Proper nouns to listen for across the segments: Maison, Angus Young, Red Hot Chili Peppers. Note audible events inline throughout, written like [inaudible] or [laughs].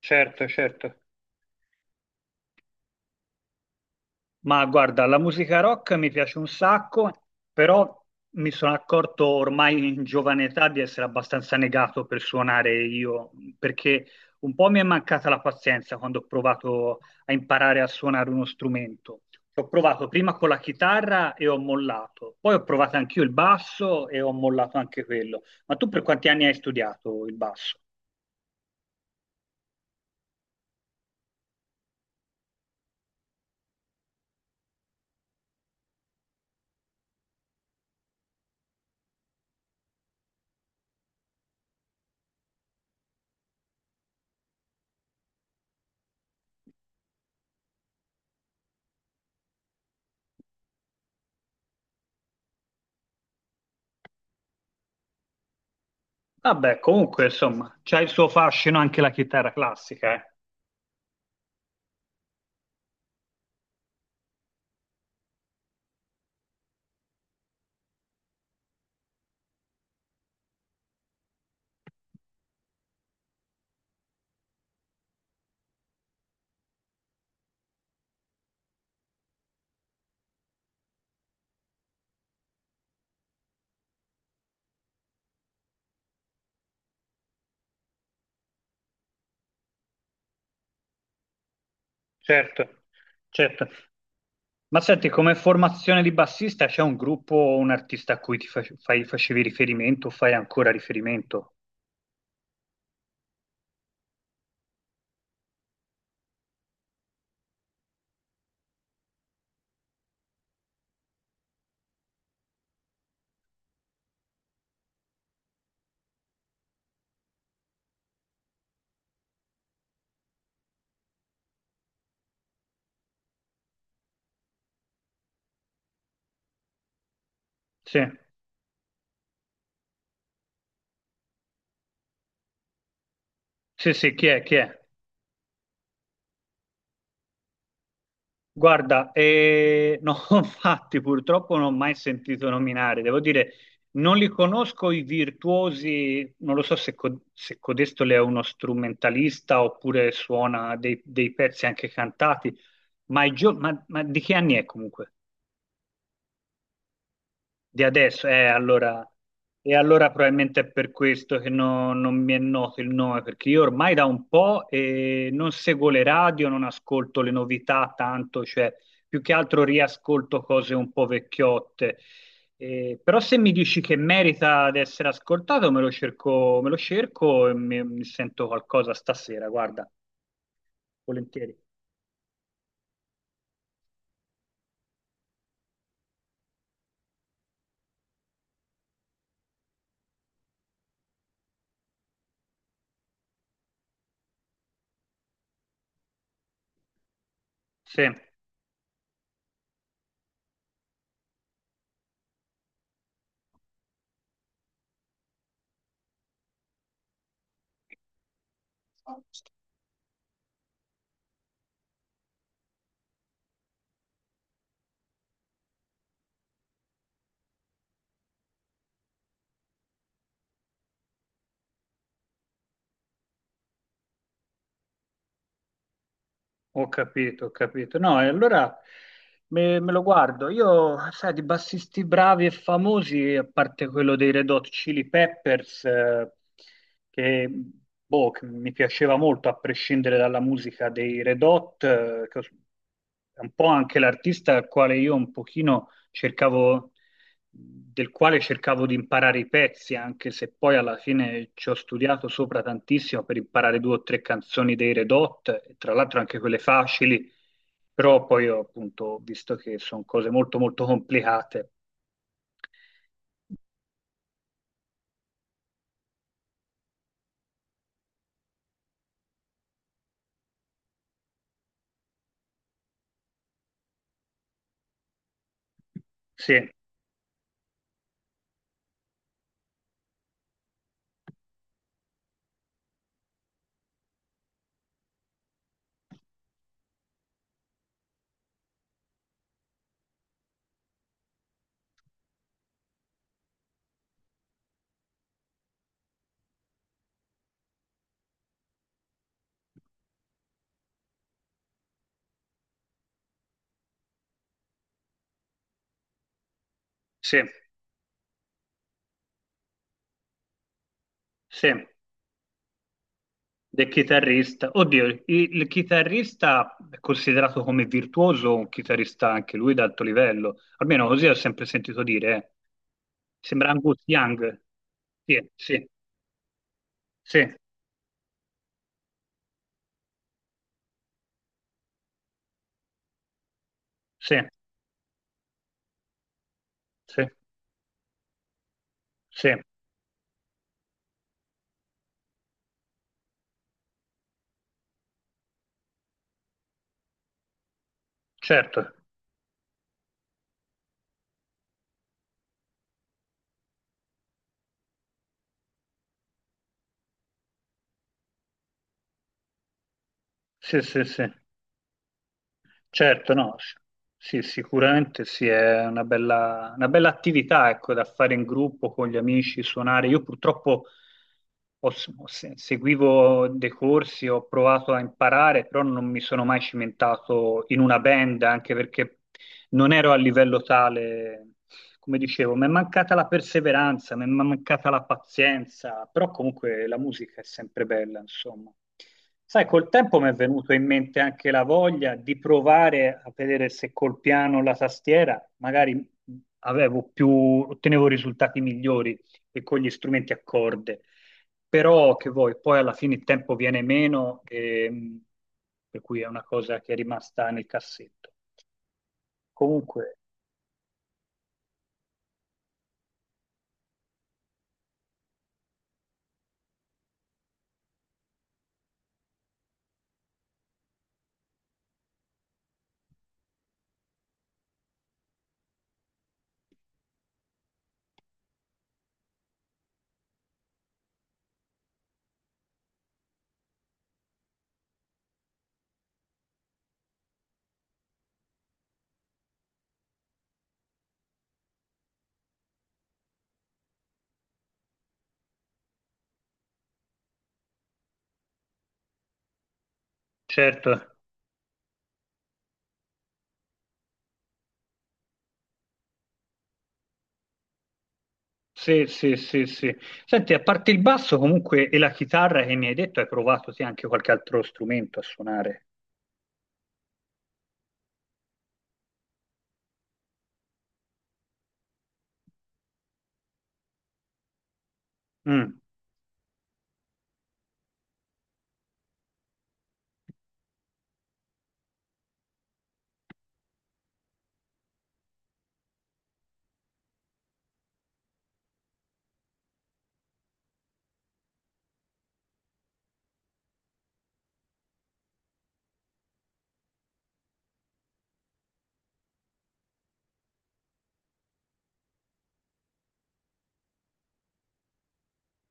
Certo, certo. Ma guarda, la musica rock mi piace un sacco, però mi sono accorto ormai in giovane età di essere abbastanza negato per suonare io, perché un po' mi è mancata la pazienza quando ho provato a imparare a suonare uno strumento. Ho provato prima con la chitarra e ho mollato, poi ho provato anch'io il basso e ho mollato anche quello. Ma tu per quanti anni hai studiato il basso? Vabbè, comunque, insomma, c'ha il suo fascino anche la chitarra classica, eh. Certo, certo. Ma senti, come formazione di bassista c'è un gruppo o un artista a cui facevi riferimento o fai ancora riferimento? Sì, sì, sì, chi è? Chi è? Guarda, no, [laughs] infatti purtroppo non ho mai sentito nominare, devo dire, non li conosco i virtuosi, non lo so se Codesto le è uno strumentalista oppure suona dei pezzi anche cantati, ma, di che anni è comunque? Di adesso, allora, e allora probabilmente è per questo che non mi è noto il nome, perché io ormai da un po' non seguo le radio, non ascolto le novità tanto, cioè più che altro riascolto cose un po' vecchiotte. Però se mi dici che merita di essere ascoltato, me lo cerco e mi sento qualcosa stasera, guarda, volentieri. Sì. Ho capito, ho capito. No, e allora me lo guardo. Io, sai, di bassisti bravi e famosi, a parte quello dei Red Hot Chili Peppers, che, boh, che mi piaceva molto, a prescindere dalla musica dei Red Hot, è un po' anche l'artista al quale io un pochino cercavo del quale cercavo di imparare i pezzi, anche se poi alla fine ci ho studiato sopra tantissimo per imparare due o tre canzoni dei Red Hot, e tra l'altro anche quelle facili, però poi ho appunto visto che sono cose molto molto complicate. Sì, sì, sì, del chitarrista. Oddio, il chitarrista è considerato come virtuoso, un chitarrista anche lui d'alto livello, almeno così ho sempre sentito dire, eh. Sembra Angus Young. Sì, sì, sì, sì, sì, sì, certo, sì, sì, sì, certo, no, sì, sicuramente sì, è una bella attività, ecco, da fare in gruppo con gli amici, suonare. Io purtroppo ho- ho se- seguivo dei corsi, ho provato a imparare, però non mi sono mai cimentato in una band, anche perché non ero a livello tale. Come dicevo, mi è mancata la perseveranza, mi è mancata la pazienza, però comunque la musica è sempre bella, insomma. Sai, col tempo mi è venuto in mente anche la voglia di provare a vedere se col piano o la tastiera magari avevo più, ottenevo risultati migliori che con gli strumenti a corde. Però che vuoi, poi alla fine il tempo viene meno, e, per cui è una cosa che è rimasta nel cassetto. Comunque, certo, sì, sì, sì, sì. Senti, a parte il basso comunque e la chitarra che mi hai detto, hai provato sì, anche qualche altro strumento a suonare. Mm,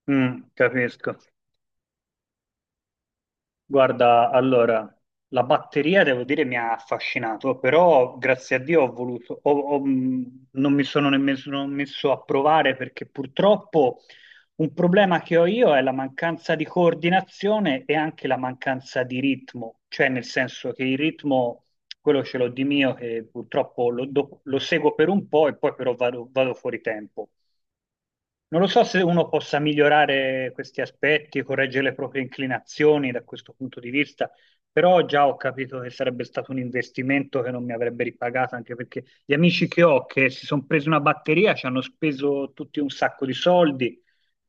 capisco. Guarda, allora, la batteria devo dire mi ha affascinato, però grazie a Dio ho voluto, ho- ho- non mi sono nemmeno messo a provare perché purtroppo un problema che ho io è la mancanza di coordinazione e anche la mancanza di ritmo, cioè nel senso che il ritmo, quello ce l'ho di mio, che purtroppo lo seguo per un po' e poi però vado, vado fuori tempo. Non lo so se uno possa migliorare questi aspetti, correggere le proprie inclinazioni da questo punto di vista, però già ho capito che sarebbe stato un investimento che non mi avrebbe ripagato, anche perché gli amici che ho che si sono presi una batteria ci hanno speso tutti un sacco di soldi,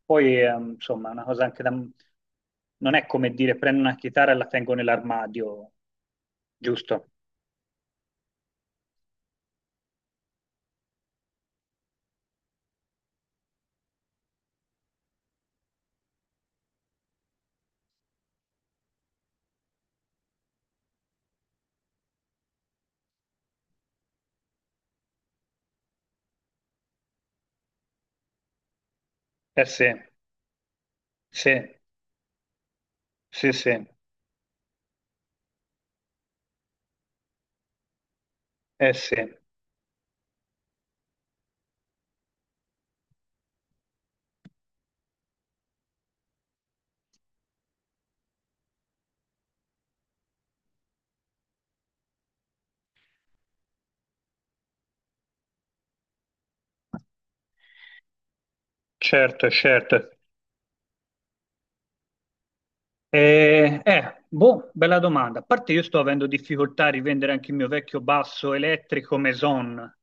poi insomma è una cosa anche da... non è come dire prendo una chitarra e la tengo nell'armadio, giusto? Eh sì, sì, sì, sì, eh sì, certo, certo. Boh, bella domanda. A parte io sto avendo difficoltà a rivendere anche il mio vecchio basso elettrico Maison,